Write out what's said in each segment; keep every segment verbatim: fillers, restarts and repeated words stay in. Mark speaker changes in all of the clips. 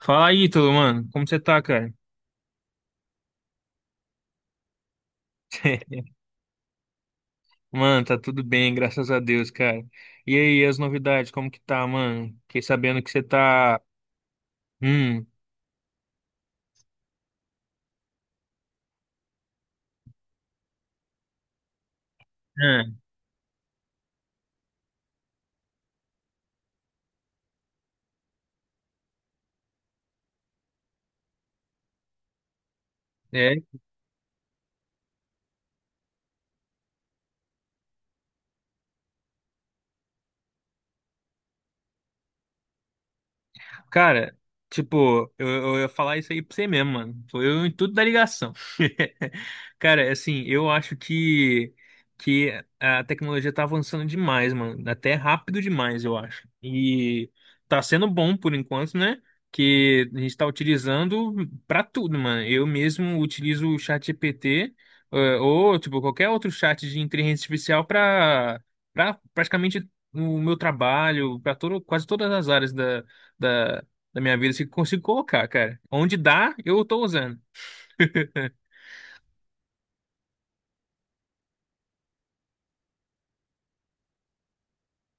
Speaker 1: Fala aí, tudo, mano. Como você tá, cara? Mano, tá tudo bem, graças a Deus, cara. E aí, as novidades, como que tá, mano? Fiquei sabendo que você tá. Hum. É, é, cara, tipo, eu, eu ia falar isso aí pra você mesmo, mano. Foi eu em tudo da ligação. Cara, assim, eu acho que, que a tecnologia tá avançando demais, mano. Até rápido demais, eu acho. E tá sendo bom por enquanto, né? Que a gente tá utilizando pra tudo, mano. Eu mesmo utilizo o chat G P T, eh, ou, tipo, qualquer outro chat de inteligência artificial pra, pra praticamente o meu trabalho, pra todo, quase todas as áreas da. da da minha vida assim, que eu consigo colocar, cara. Onde dá, eu tô usando.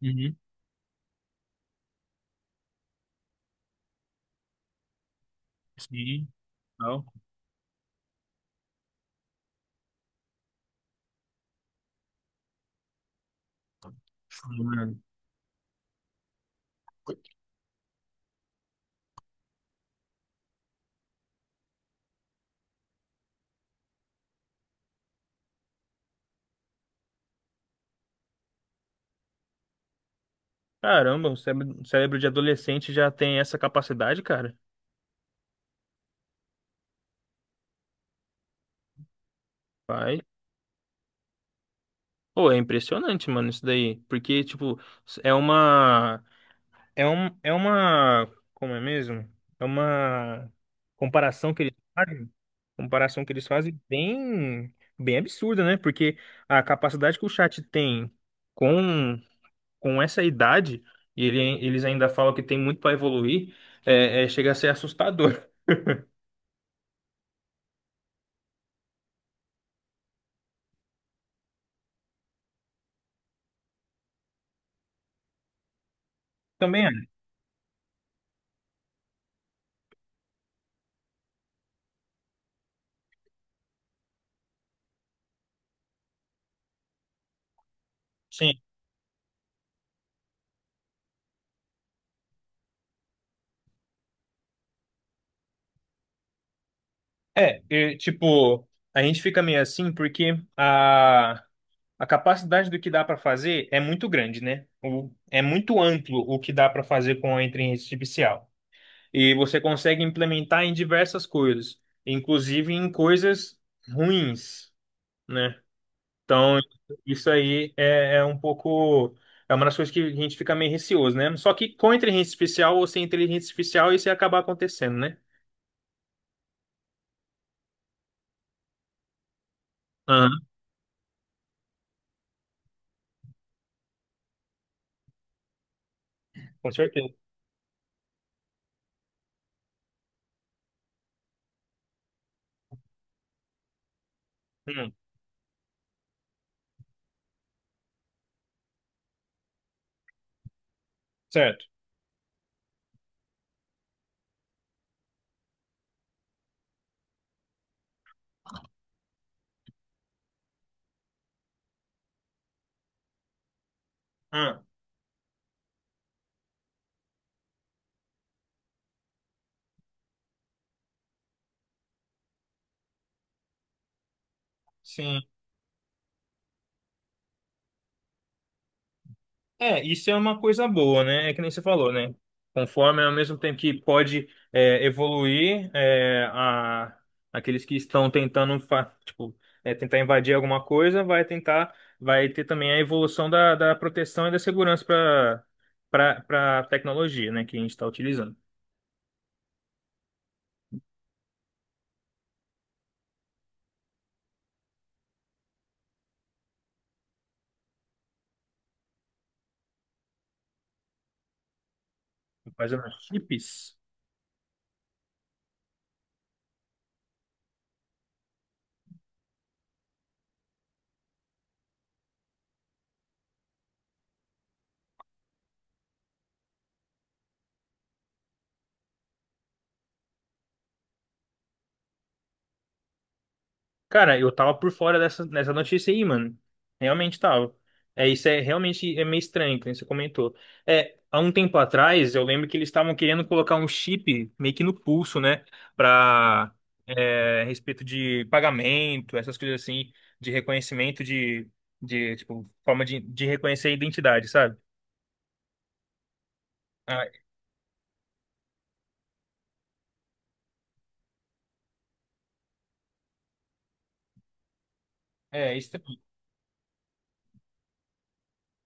Speaker 1: Uhum. Sim. Não. Mano. Caramba, o cérebro, o cérebro de adolescente já tem essa capacidade, cara. Vai. Pô, é impressionante, mano, isso daí. Porque, tipo, é uma. É um, é uma. Como é mesmo? É uma comparação que eles fazem. Comparação que eles fazem bem, bem absurda, né? Porque a capacidade que o chat tem com com essa idade, e ele- eles ainda falam que tem muito para evoluir, é, é, chega a ser assustador. Também é. Sim. É, e, tipo, a gente fica meio assim porque a, a capacidade do que dá para fazer é muito grande, né? O- é muito amplo o que dá para fazer com a inteligência artificial. E você consegue implementar em diversas coisas, inclusive em coisas ruins, né? Então, isso aí é, é um pouco. É uma das coisas que a gente fica meio receoso, né? Só que com inteligência artificial ou sem inteligência artificial, isso ia acabar acontecendo, né? Aham, com certeza. Hum, certo. Ah, sim. É, isso é uma coisa boa, né? É que nem você falou, né? Conforme ao mesmo tempo que pode é, evoluir é, a, aqueles que estão tentando fa- tipo, é, tentar invadir alguma coisa, vai tentar, vai ter também a evolução da, da proteção e da segurança para para tecnologia, né? Que a gente está utilizando. Mas é, chips. Cara, eu tava por fora dessa, dessa notícia aí, mano. Realmente tava. É, isso é realmente é meio estranho, que nem você comentou. É, há um tempo atrás, eu lembro que eles estavam querendo colocar um chip meio que no pulso, né? Pra, é, respeito de pagamento, essas coisas assim, de reconhecimento de, de tipo, forma de, de reconhecer a identidade, sabe? Ah, é, isso também.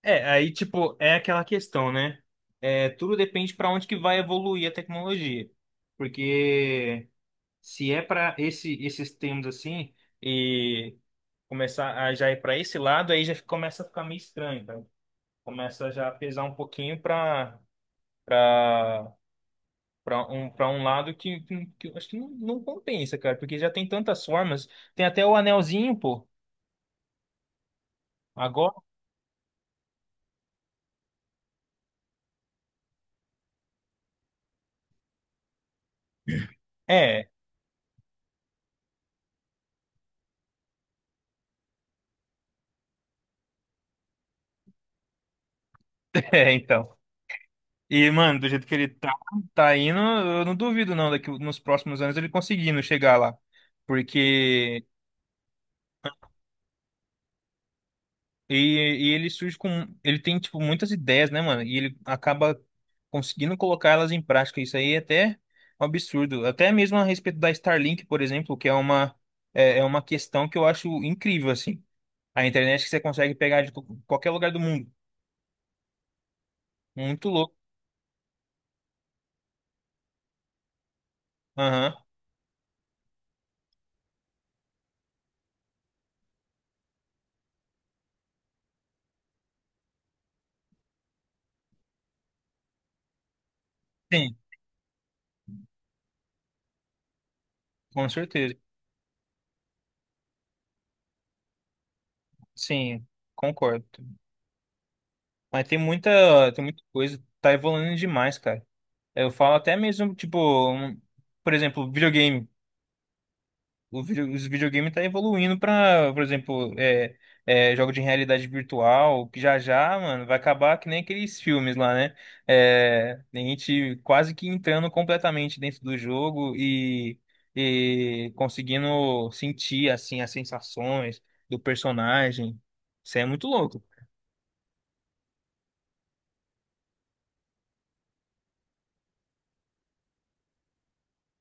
Speaker 1: É, aí, tipo, é aquela questão, né? É, tudo depende para onde que vai evoluir a tecnologia. Porque, se é para esse, esses termos assim, e começar a já ir para esse lado, aí já começa a ficar meio estranho, tá? Começa já a pesar um pouquinho para para para um, para um lado que, que, que eu acho que não, não compensa, cara, porque já tem tantas formas. Tem até o anelzinho, pô. Agora. É, é, então. E, mano, do jeito que ele tá, tá indo, eu não duvido não daqui nos próximos anos ele conseguindo chegar lá. Porque E, e ele surge com. Ele tem, tipo, muitas ideias, né, mano? E ele acaba conseguindo colocar elas em prática. Isso aí é até um absurdo. Até mesmo a respeito da Starlink, por exemplo, que é uma, é, é uma questão que eu acho incrível, assim. A internet que você consegue pegar de co- qualquer lugar do mundo. Muito louco. Aham. Sim, com certeza. Sim, concordo. Mas tem muita, tem muita coisa. Tá evoluindo demais, cara. Eu falo até mesmo, tipo, um- por exemplo, videogame. O vídeo, os videogames tá evoluindo para, por exemplo, é, é, jogo de realidade virtual, que já já, mano, vai acabar que nem aqueles filmes lá, né? É, a gente quase que entrando completamente dentro do jogo e, e conseguindo sentir, assim, as sensações do personagem. Isso é muito louco.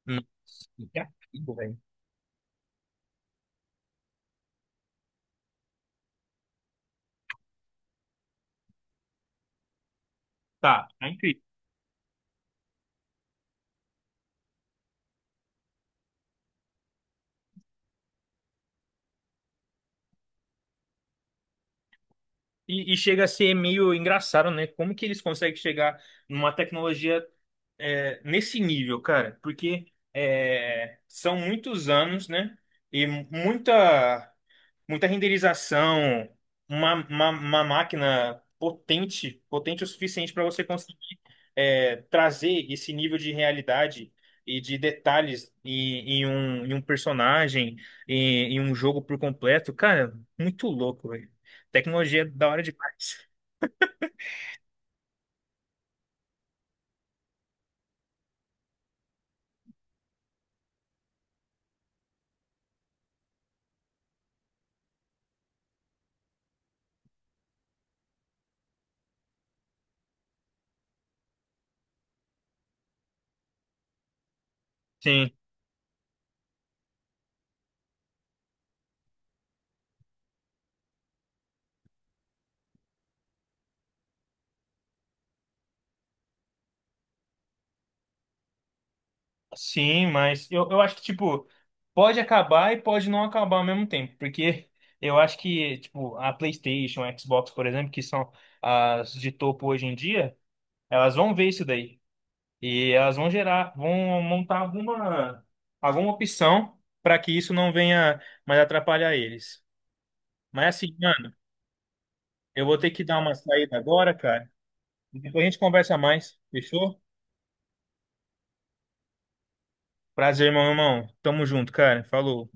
Speaker 1: Nossa, que artigo, velho. Tá, tá incrível. E, e chega a ser meio engraçado, né? Como que eles conseguem chegar numa tecnologia é, nesse nível, cara? Porque é, são muitos anos, né? E muita, muita renderização, uma, uma, uma máquina potente, potente o suficiente para você conseguir é, trazer esse nível de realidade e de detalhes em, em um, em um personagem, em, em um jogo por completo. Cara, muito louco, tecnologia é da hora demais. Sim, sim, mas eu, eu acho que, tipo, pode acabar e pode não acabar ao mesmo tempo, porque eu acho que, tipo, a PlayStation, a Xbox, por exemplo, que são as de topo hoje em dia, elas vão ver isso daí. E elas vão gerar, vão montar alguma, alguma opção para que isso não venha mais atrapalhar eles. Mas assim, mano, eu vou ter que dar uma saída agora, cara. E depois a gente conversa mais, fechou? Prazer, meu irmão. Tamo junto, cara. Falou.